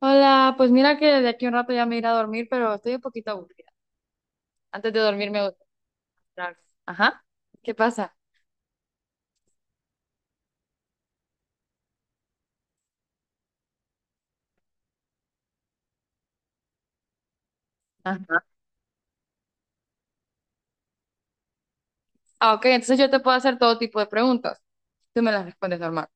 Hola, pues mira que de aquí a un rato ya me iré a dormir, pero estoy un poquito aburrida. Antes de dormir me gusta hacer algo. Ajá. ¿Qué pasa? Ajá. Ah, ok, entonces yo te puedo hacer todo tipo de preguntas. Tú me las respondes normal.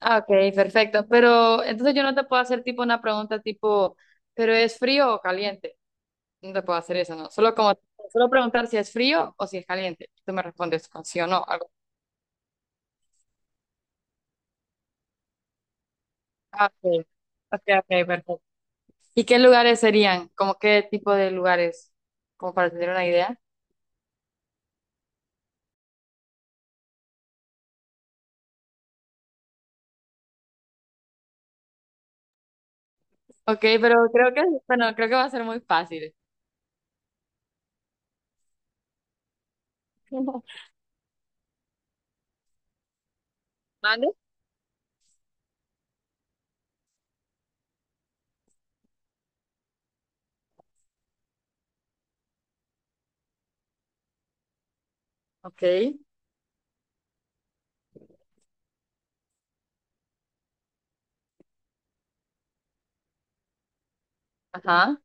Ah, ok, perfecto. Pero entonces yo no te puedo hacer tipo una pregunta tipo, ¿pero es frío o caliente? No te puedo hacer eso, no. Solo como, solo preguntar si es frío o si es caliente. Tú me respondes con sí o no. Algo. Ah, ok. Ok, ok, perfecto. ¿Y qué lugares serían? ¿Como qué tipo de lugares? Como para tener una idea. Ok, pero creo que, bueno, creo que va a ser muy fácil. ¿Mande? Ok, ajá,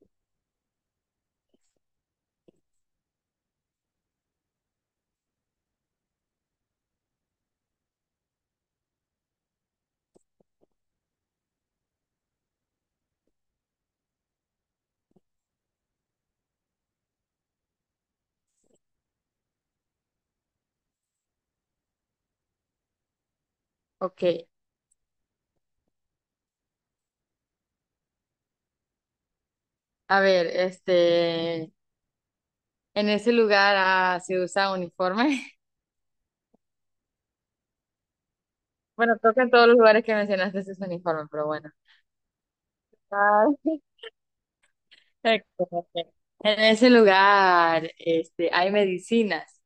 ok. A ver, este, en ese lugar se usa uniforme. Bueno, creo que en todos los lugares que mencionaste se usa uniforme, pero bueno. Ah, perfecto, perfecto. En ese lugar, este, hay medicinas,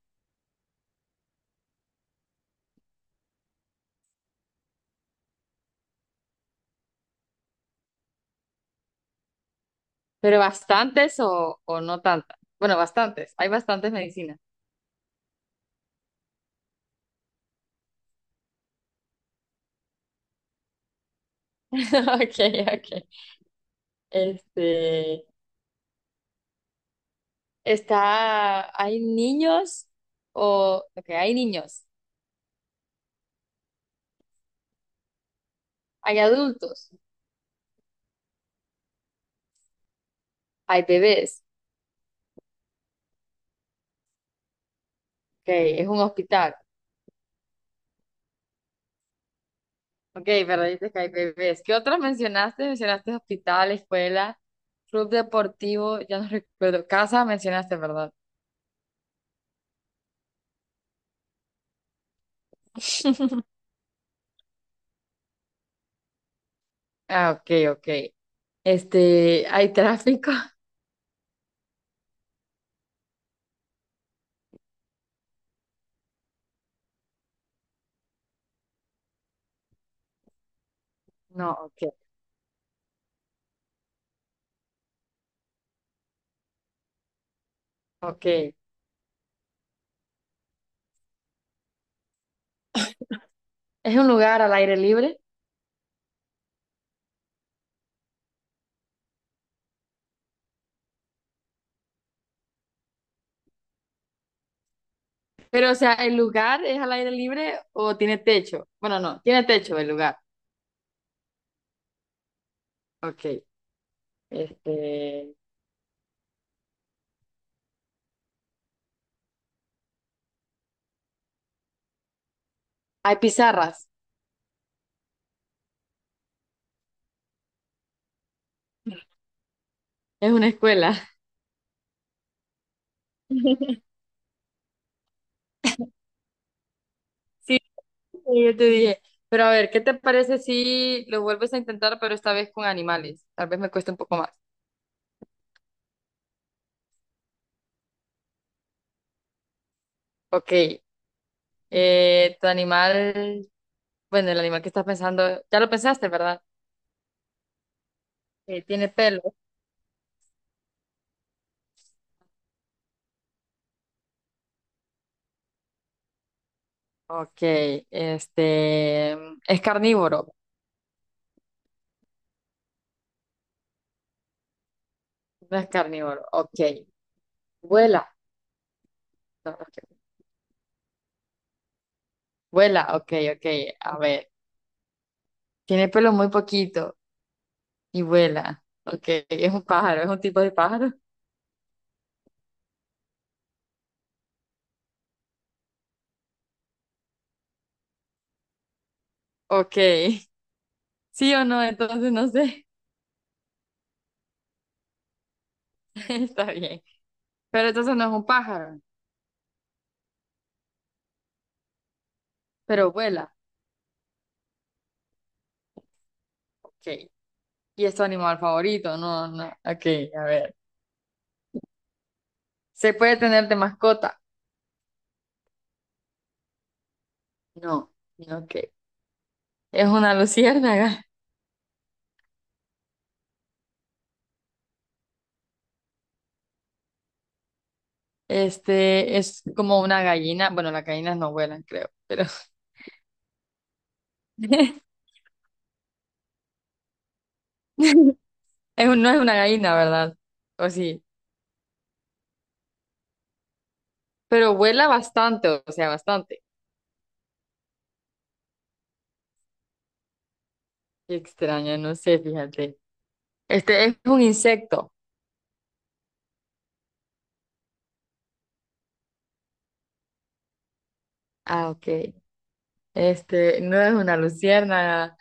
pero bastantes o no tantas. Bueno, bastantes, hay bastantes medicinas. Ok, ok. Este, está, hay niños o, ok, hay niños, hay adultos, hay bebés, ok, es un hospital, ok, pero dices que hay bebés. ¿Qué otros mencionaste? Mencionaste hospital, escuela, club deportivo, ya no recuerdo, casa mencionaste, ¿verdad? Ah, ok, ok. Este, ¿hay tráfico? No, ok, ok. ¿Es un lugar al aire libre? Pero, o sea, ¿el lugar es al aire libre o tiene techo? Bueno, no, tiene techo el lugar, ok. Este, hay pizarras, es una escuela. Sí, sí, yo te dije. Pero a ver, ¿qué te parece si lo vuelves a intentar, pero esta vez con animales? Tal vez me cueste un poco más. Ok, tu animal, bueno, el animal que estás pensando, ya lo pensaste, ¿verdad? Tiene pelo. Ok, este, es carnívoro, no es carnívoro. Ok, vuela. No, no es que- vuela, ok, ok. A ver, tiene pelo muy poquito. Y vuela. Ok, es un pájaro, es un tipo de pájaro. Ok, sí o no, entonces no sé. Está bien. Pero entonces no es un pájaro, pero vuela. Ok, y es tu animal favorito, no, no. Ok, a ver. ¿Se puede tener de mascota? No, ok. Es una luciérnaga. Este es como una gallina. Bueno, las gallinas no vuelan, creo, pero es un- no es una gallina, ¿verdad? O sí, pero vuela bastante, o sea, bastante. Qué extraño, no sé, fíjate. Este es un insecto. Ah, ok. Este no es una luciérnaga,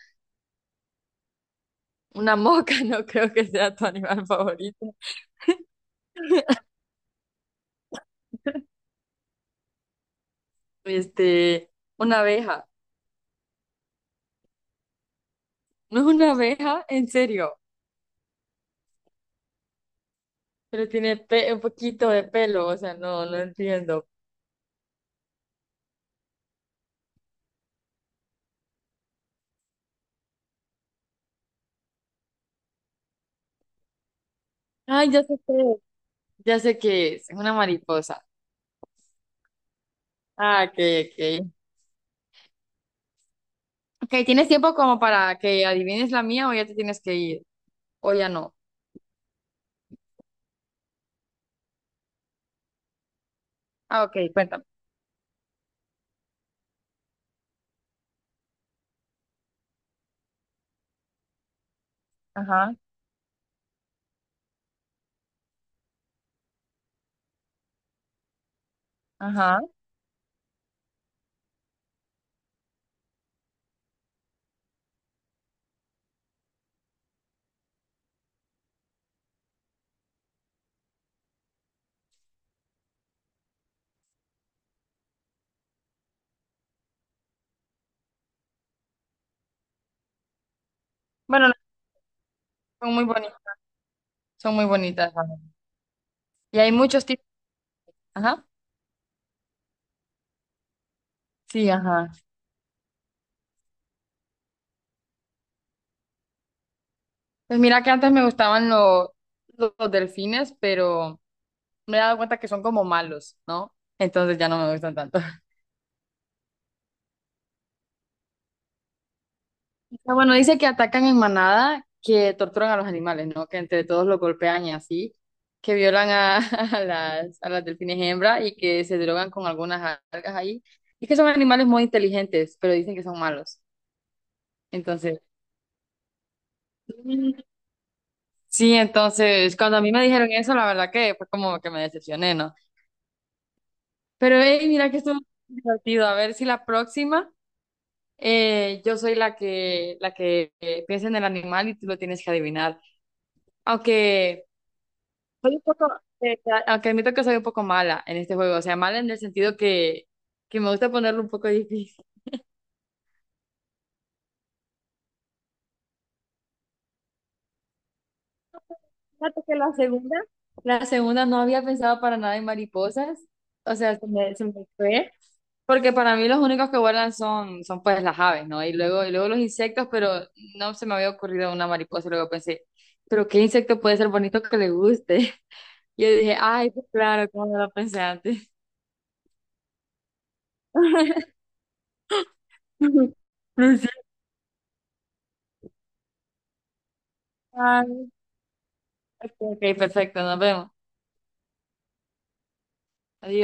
una mosca, no creo que sea tu animal favorito. Este, una abeja. No es una abeja, en serio. Pero tiene pe- un poquito de pelo, o sea, no, no entiendo. Ay, ya sé qué es. Ya sé qué es. Es una mariposa. Ah, ok, ok. Ok, ¿tienes tiempo como para que adivines la mía o ya te tienes que ir? O ya no. Ah, ok, cuéntame. Ajá, ajá. Bueno, no, son muy bonitas. Son muy bonitas. Y hay muchos tipos. Ajá. Sí, ajá. Pues mira que antes me gustaban lo- los delfines, pero me he dado cuenta que son como malos, ¿no? Entonces ya no me gustan tanto. Ah, bueno, dice que atacan en manada, que torturan a los animales, ¿no? Que entre todos los golpean y así, que violan a, a las delfines hembra y que se drogan con algunas algas ahí. Y que son animales muy inteligentes, pero dicen que son malos. Entonces, sí, entonces, cuando a mí me dijeron eso, la verdad que fue como que me decepcioné, ¿no? Pero hey, mira que estuvo divertido. A ver si la próxima yo soy la que piensa en el animal y tú lo tienes que adivinar. Aunque soy un poco, eh, aunque admito que soy un poco mala en este juego. O sea, mala en el sentido que me gusta ponerlo un poco difícil. Fíjate que la segunda no había pensado para nada en mariposas. O sea, se me fue. Porque para mí los únicos que vuelan son, son pues las aves, ¿no? Y luego los insectos, pero no se me había ocurrido una mariposa. Y luego pensé, pero ¿qué insecto puede ser bonito que le guste? Y yo dije, ay, pues claro, ¿cómo no lo pensé antes? No sé. Ay, ok, ok, perfecto, nos vemos. Adiós.